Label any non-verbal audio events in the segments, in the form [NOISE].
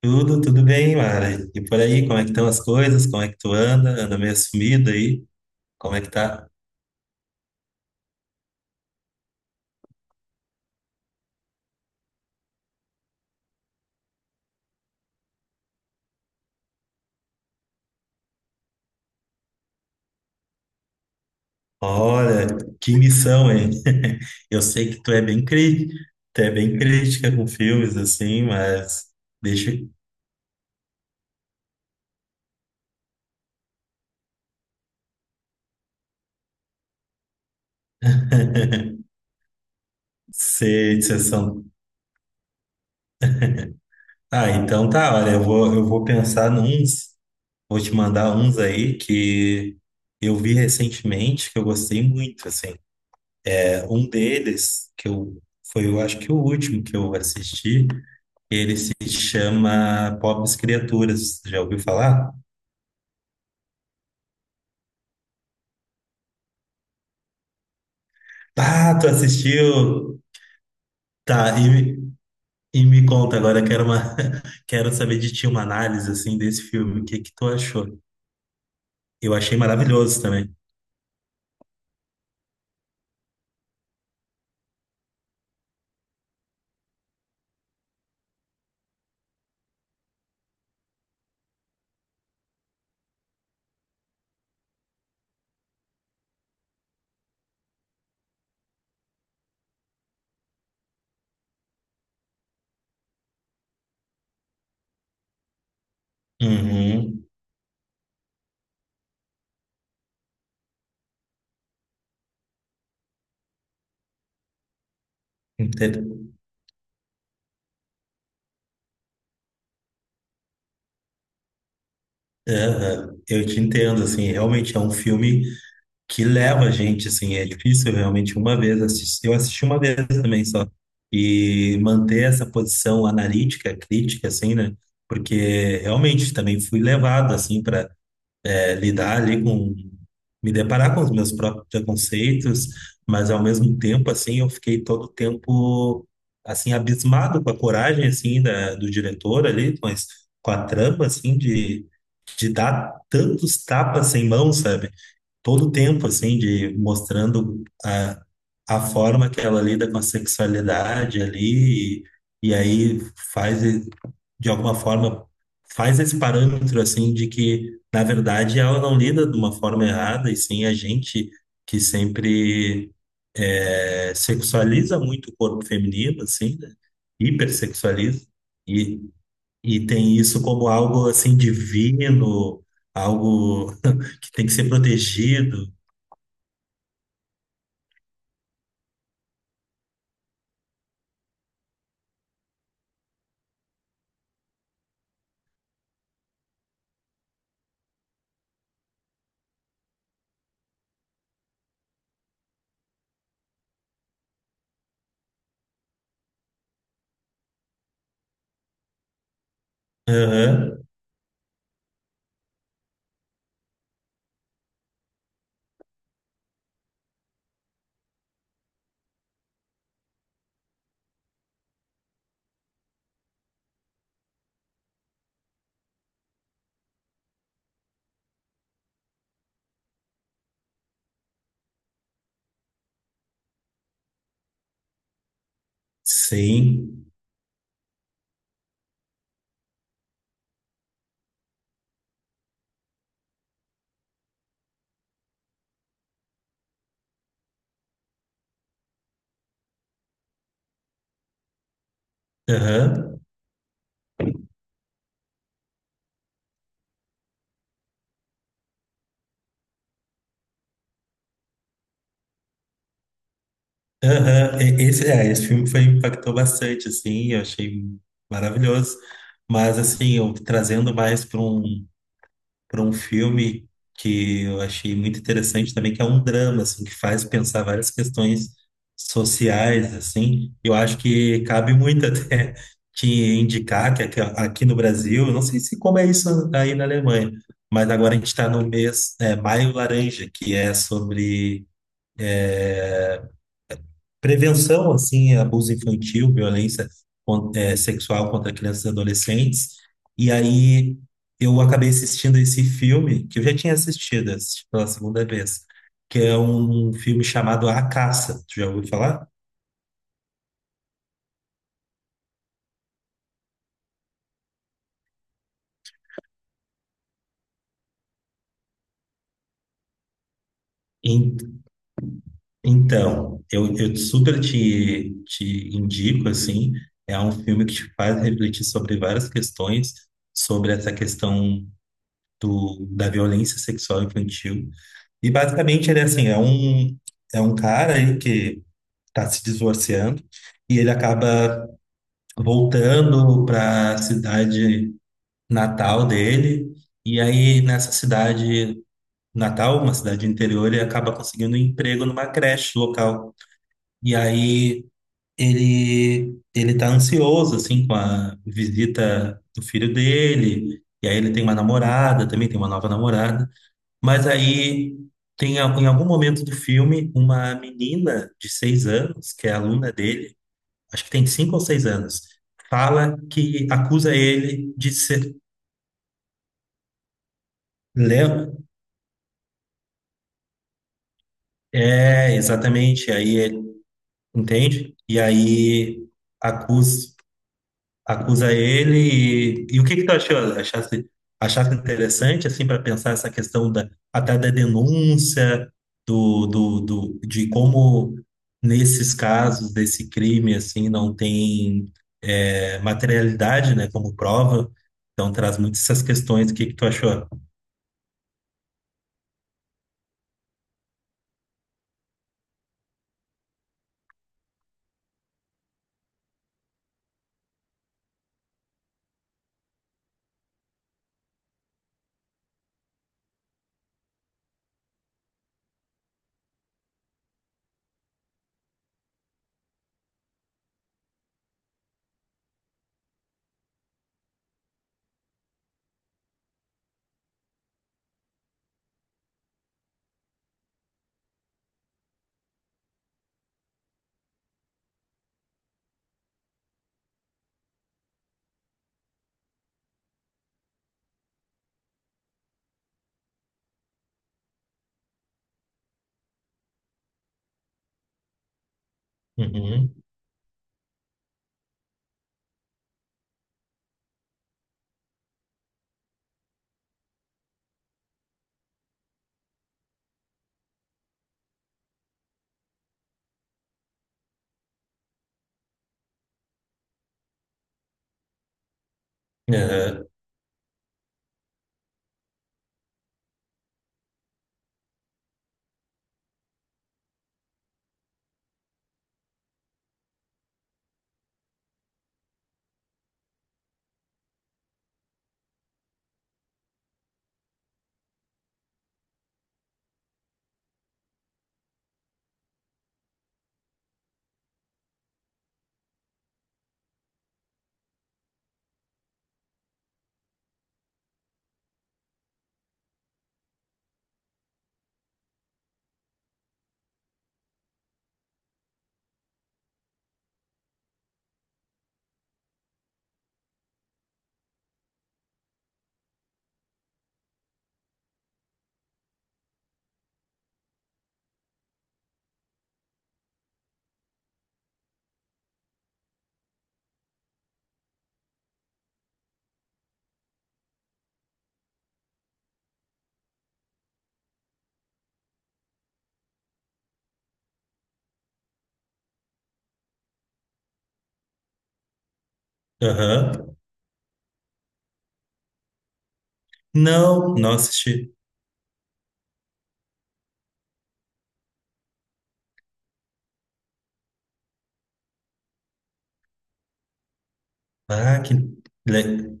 Tudo bem, Mara. E por aí, como é que estão as coisas? Como é que tu anda? Anda meio sumido aí? Como é que tá? Olha, que missão, hein? [LAUGHS] Eu sei que tu é bem crítica com filmes, assim, mas deixa [LAUGHS] eu ser de sessão. Ah, então tá, olha, eu vou pensar nuns, vou te mandar uns aí que eu vi recentemente, que eu gostei muito, assim. Um deles, eu acho que o último que eu assisti, ele se chama Pobres Criaturas. Já ouviu falar? Ah, tu assistiu? Tá, e me conta agora, quero uma, [LAUGHS] quero saber de ti uma análise assim desse filme. O que que tu achou? Eu achei maravilhoso também. Uhum. Ente- Aham. Eu te entendo, assim, realmente é um filme que leva a gente, assim, é difícil realmente uma vez assistir. Eu assisti uma vez também só. E manter essa posição analítica, crítica, assim, né? Porque realmente também fui levado, assim, para lidar ali com. Me deparar com os meus próprios preconceitos, mas ao mesmo tempo, assim, eu fiquei todo o tempo, assim, abismado com a coragem, assim, do diretor ali, mas com a trama, assim, de dar tantos tapas sem mão, sabe? Todo o tempo, assim, de mostrando a forma que ela lida com a sexualidade ali, e aí faz, e- de alguma forma, faz esse parâmetro, assim, de que, na verdade, ela não lida de uma forma errada, e sim a gente que sempre sexualiza muito o corpo feminino, assim, né? Hipersexualiza. E tem isso como algo assim divino, algo [LAUGHS] que tem que ser protegido. Aham, sim. Aham, aham. Esse, esse filme foi, impactou bastante, assim, eu achei maravilhoso. Mas, assim, eu trazendo mais para um. Para um filme que eu achei muito interessante também, que é um drama, assim, que faz pensar várias questões sociais, assim. Eu acho que cabe muito [LAUGHS] até te indicar que aqui, aqui no Brasil, eu não sei se como é isso aí na Alemanha, mas agora a gente está no mês, Maio Laranja, que é sobre é, prevenção, assim, a abuso infantil, violência sexual contra crianças e adolescentes. E aí eu acabei assistindo esse filme, que eu já tinha assistido, assisti pela segunda vez, que é um filme chamado A Caça. Tu já ouviu falar? En- Então, eu super te indico, assim, é um filme que te faz refletir sobre várias questões, sobre essa questão da violência sexual infantil. E basicamente ele é assim, é um cara aí que está se divorciando e ele acaba voltando para a cidade natal dele. E aí nessa cidade natal, uma cidade interior, ele acaba conseguindo um emprego numa creche local. E aí ele tá ansioso assim com a visita do filho dele. E aí ele tem uma namorada, também tem uma nova namorada. Mas aí em algum momento do filme uma menina de 6 anos, que é aluna dele, acho que tem 5 ou 6 anos, fala que acusa ele de ser Leo. É, exatamente. Aí ele entende? E aí acusa. Acusa ele. E o que que tu achou? Achaste interessante, assim, para pensar essa questão da, até da denúncia, de como nesses casos desse crime, assim, não tem materialidade, né, como prova. Então traz muitas essas questões. O que que tu achou? Uhum. Aham. Aham. Não, não assisti. Ah, que... le-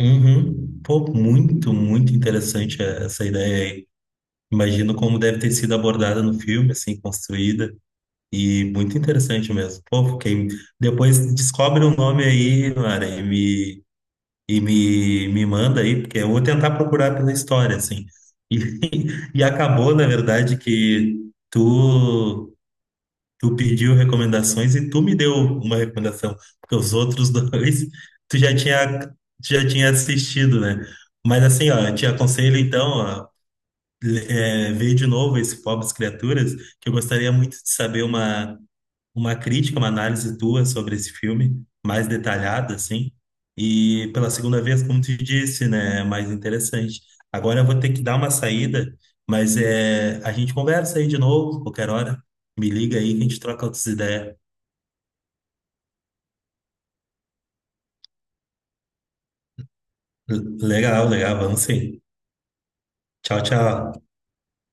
Uhum. Pô, muito, muito interessante essa ideia aí. Imagino como deve ter sido abordada no filme, assim, construída. E muito interessante mesmo. Pô, fiquei... Depois descobre o nome aí, Mara, me manda aí, porque eu vou tentar procurar pela história, assim. E, [LAUGHS] e acabou, na verdade, que tu, tu pediu recomendações e tu me deu uma recomendação, porque os outros [LAUGHS] dois tu já tinha assistido, né? Mas assim, ó, eu te aconselho então, ó, ver de novo esse Pobres Criaturas, que eu gostaria muito de saber uma crítica, uma análise tua sobre esse filme, mais detalhada, assim. E pela segunda vez, como tu disse, né, é mais interessante. Agora eu vou ter que dar uma saída, mas é, a gente conversa aí de novo, qualquer hora. Me liga aí que a gente troca outras ideias. Legal, legal, vamos sim. Tchau, tchau.